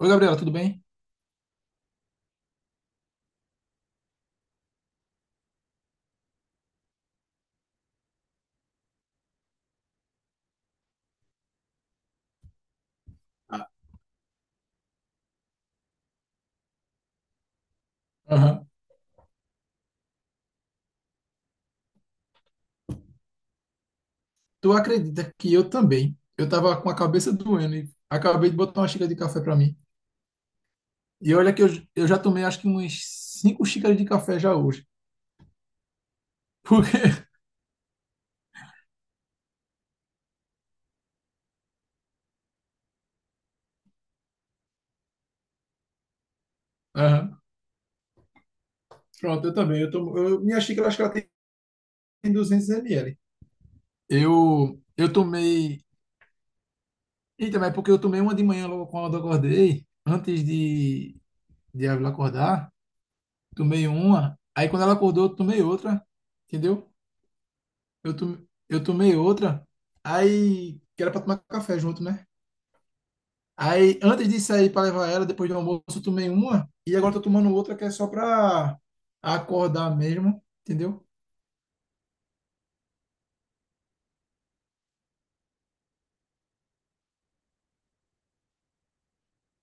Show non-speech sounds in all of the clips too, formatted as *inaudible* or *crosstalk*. Oi, Gabriela, tudo bem? Aham. Tu acredita que eu também? Eu tava com a cabeça doendo e acabei de botar uma xícara de café para mim. E olha que eu já tomei acho que umas 5 xícaras de café já hoje. Porque. *laughs* Aham. Pronto, eu também. Eu tomo. Minha xícara acho que ela tem 200 ml. Eu tomei. Eita, mas é porque eu tomei uma de manhã logo quando eu acordei, antes de ela acordar. Tomei uma. Aí quando ela acordou, eu tomei outra. Entendeu? Eu tomei outra, aí, que era pra tomar café junto, né? Aí, antes de sair pra levar ela, depois do almoço, eu tomei uma, e agora tô tomando outra que é só pra acordar mesmo, entendeu?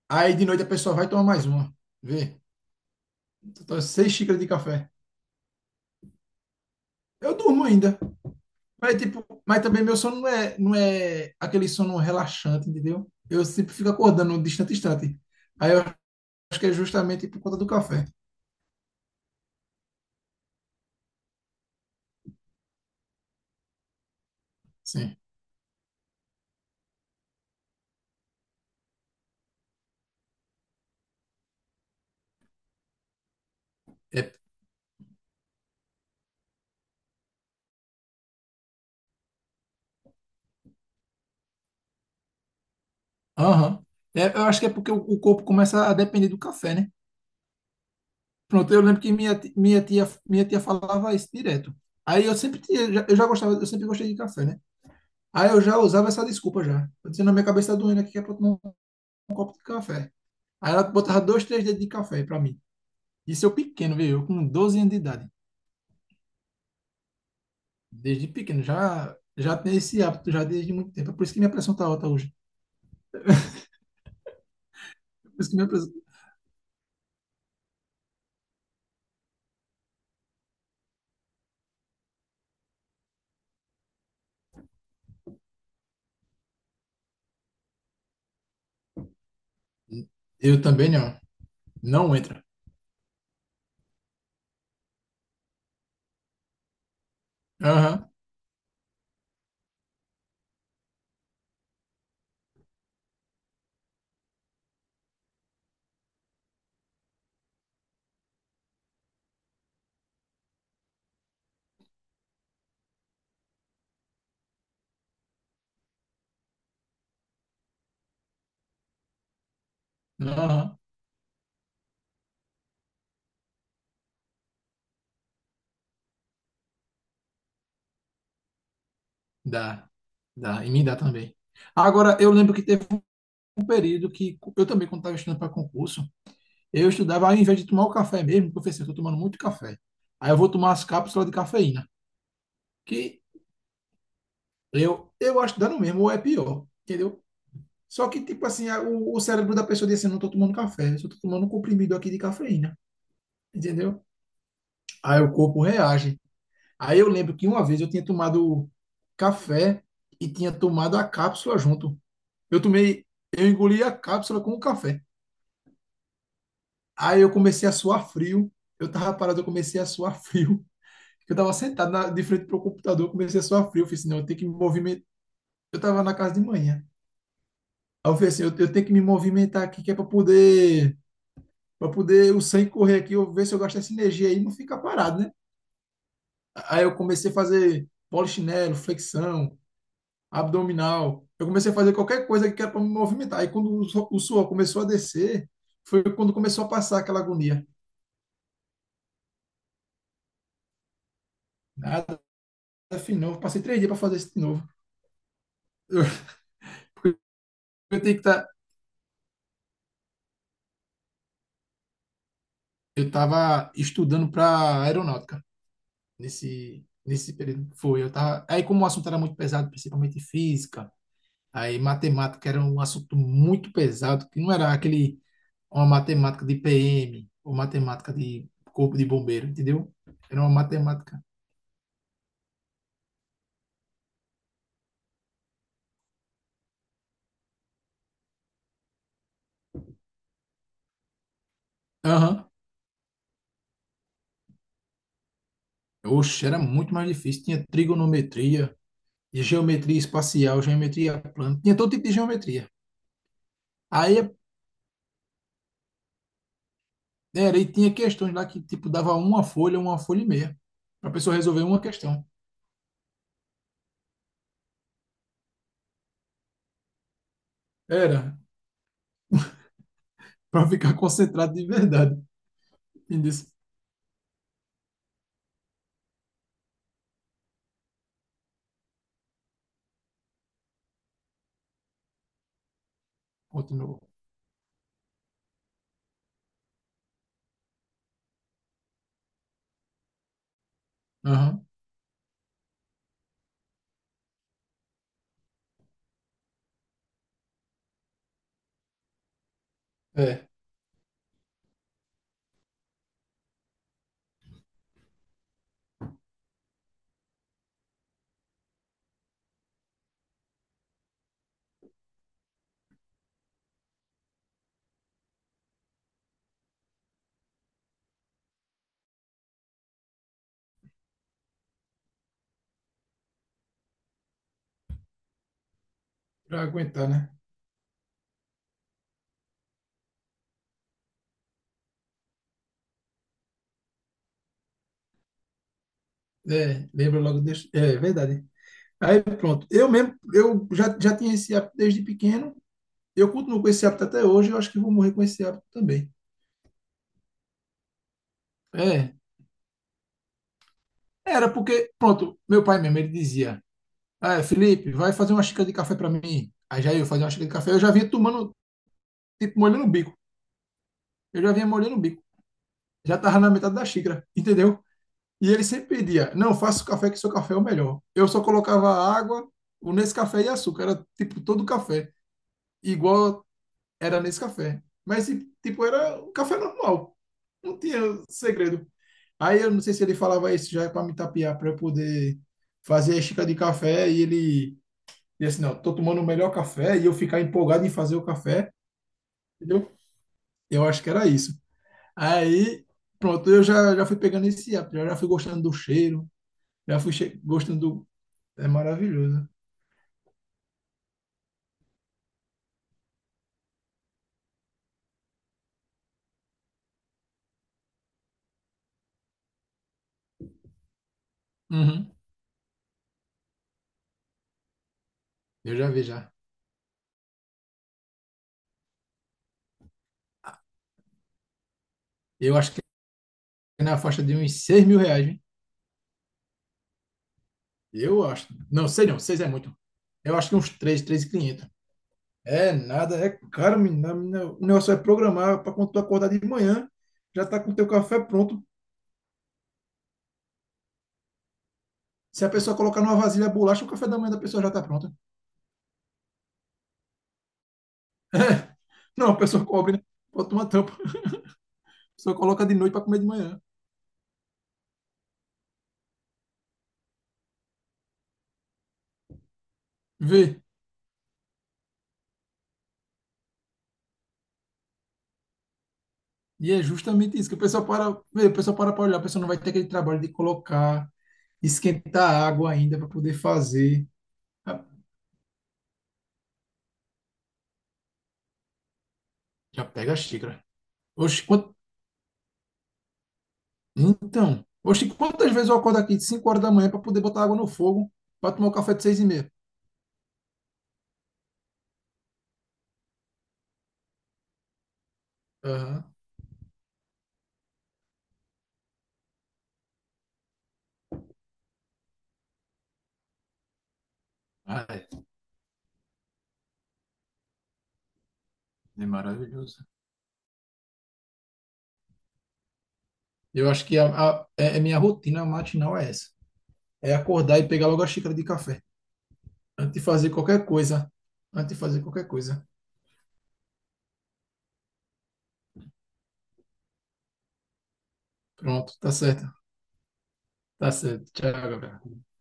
Aí, de noite, a pessoa vai tomar mais uma. Vê, tô 6 xícaras de café. Eu durmo ainda, mas, tipo, mas também meu sono não é aquele sono relaxante, entendeu? Eu sempre fico acordando distante, distante. Aí, eu acho que é justamente por conta do café. Sim. É. Aham. É, eu acho que é porque o corpo começa a depender do café, né? Pronto, eu lembro que minha tia falava isso direto. Aí eu sempre tinha, eu já gostava, eu sempre gostei de café, né? Aí eu já usava essa desculpa já. Eu dizia, na minha cabeça tá doendo aqui que é pra tomar um copo de café. Aí ela botava dois, três dedos de café pra mim. Isso eu pequeno, viu? Eu com 12 anos de idade. Desde pequeno, já tenho esse hábito, já desde muito tempo. É por isso que minha pressão tá alta hoje. É por isso que minha pressão... Eu também não. Não entra. Aham, aham. Dá, dá, e me dá também. Agora, eu lembro que teve um período que eu também, quando estava estudando para concurso, eu estudava ao invés de tomar o café mesmo, professor, eu estou tomando muito café. Aí eu vou tomar as cápsulas de cafeína, que eu acho que dá no mesmo, ou é pior, entendeu? Só que, tipo assim, o cérebro da pessoa diz assim, não estou tomando café, eu só estou tomando um comprimido aqui de cafeína, entendeu? Aí o corpo reage. Aí eu lembro que uma vez eu tinha tomado café e tinha tomado a cápsula junto. Eu tomei, eu engoli a cápsula com o café. Aí eu comecei a suar frio. Eu tava parado, eu comecei a suar frio. *laughs* Eu tava sentado na, de frente pro computador, eu comecei a suar frio. Eu falei assim, não, eu tenho que me movimentar. Eu tava na casa de manhã. Aí eu falei assim, eu tenho que me movimentar aqui, que é pra poder, para poder o sangue correr aqui, eu ver se eu gasto essa energia aí e não ficar parado, né? Aí eu comecei a fazer polichinelo, flexão, abdominal. Eu comecei a fazer qualquer coisa que era para me movimentar. Aí quando o suor começou a descer, foi quando começou a passar aquela agonia. Nada, fim novo. Passei 3 dias para fazer isso de novo. Eu, porque eu tenho que estar. Eu tava estudando para aeronáutica nesse período. Foi, eu tava. Aí, como o assunto era muito pesado, principalmente física, aí matemática era um assunto muito pesado, que não era aquele uma matemática de PM ou matemática de corpo de bombeiro, entendeu? Era uma matemática. Aham. Oxe, era muito mais difícil. Tinha trigonometria, geometria espacial, geometria plana, tinha todo tipo de geometria. Aí era, e tinha questões lá que, tipo, dava uma folha e meia. Pra pessoa resolver uma questão. Era, pra ficar *laughs* concentrado de verdade. Entendeu? Continuou. Aham. É, pra aguentar, né? É, lembra logo desse... É, verdade. Aí, pronto. Eu mesmo, eu já tinha esse hábito desde pequeno. Eu continuo com esse hábito até hoje. Eu acho que vou morrer com esse hábito também. É, era porque, pronto, meu pai mesmo, ele dizia, ah, Felipe, vai fazer uma xícara de café pra mim. Aí já eu fazia uma xícara de café. Eu já vinha tomando, tipo, molhando o bico eu já vinha molhando o bico. Já tava na metade da xícara, entendeu? E ele sempre pedia, não, faça o café que seu café é o melhor. Eu só colocava água, o Nescafé e açúcar, era tipo todo café. Igual era nesse café. Mas tipo, era um café normal. Não tinha segredo. Aí eu não sei se ele falava isso já para me tapear, para eu poder fazer a xícara de café e ele disse, não, tô tomando o melhor café e eu ficar empolgado em fazer o café, entendeu? Eu acho que era isso. Aí, pronto, eu já fui pegando esse hábito, já fui gostando do cheiro, já fui gostando do. É maravilhoso. Uhum. Eu já vi já. Eu acho que é na faixa de uns 6 mil reais, hein? Eu acho. Não, sei não. 6 é muito. Eu acho que uns 3, 3.500. É nada, é caro, menina. Menina, o negócio é programar para quando tu acordar de manhã, já tá com o teu café pronto. Se a pessoa colocar numa vasilha bolacha, o café da manhã da pessoa já tá pronto. *laughs* Não, a pessoa cobre, né? Bota uma tampa. A pessoa coloca de noite para comer de manhã. Vê. E é justamente isso que o pessoal para olhar, a pessoa não vai ter aquele trabalho de colocar, esquentar a água ainda para poder fazer. Ah, já pega a xícara. Oxe, quant... Então, oxe, quantas vezes eu acordo aqui de 5 horas da manhã para poder botar água no fogo para tomar o café de 6:30? Aham. Ah, é, é maravilhoso. Eu acho que a minha rotina matinal é essa. É acordar e pegar logo a xícara de café. Antes de fazer qualquer coisa. Antes de fazer qualquer coisa. Pronto, tá certo. Tá certo. Tchau, Gabriel.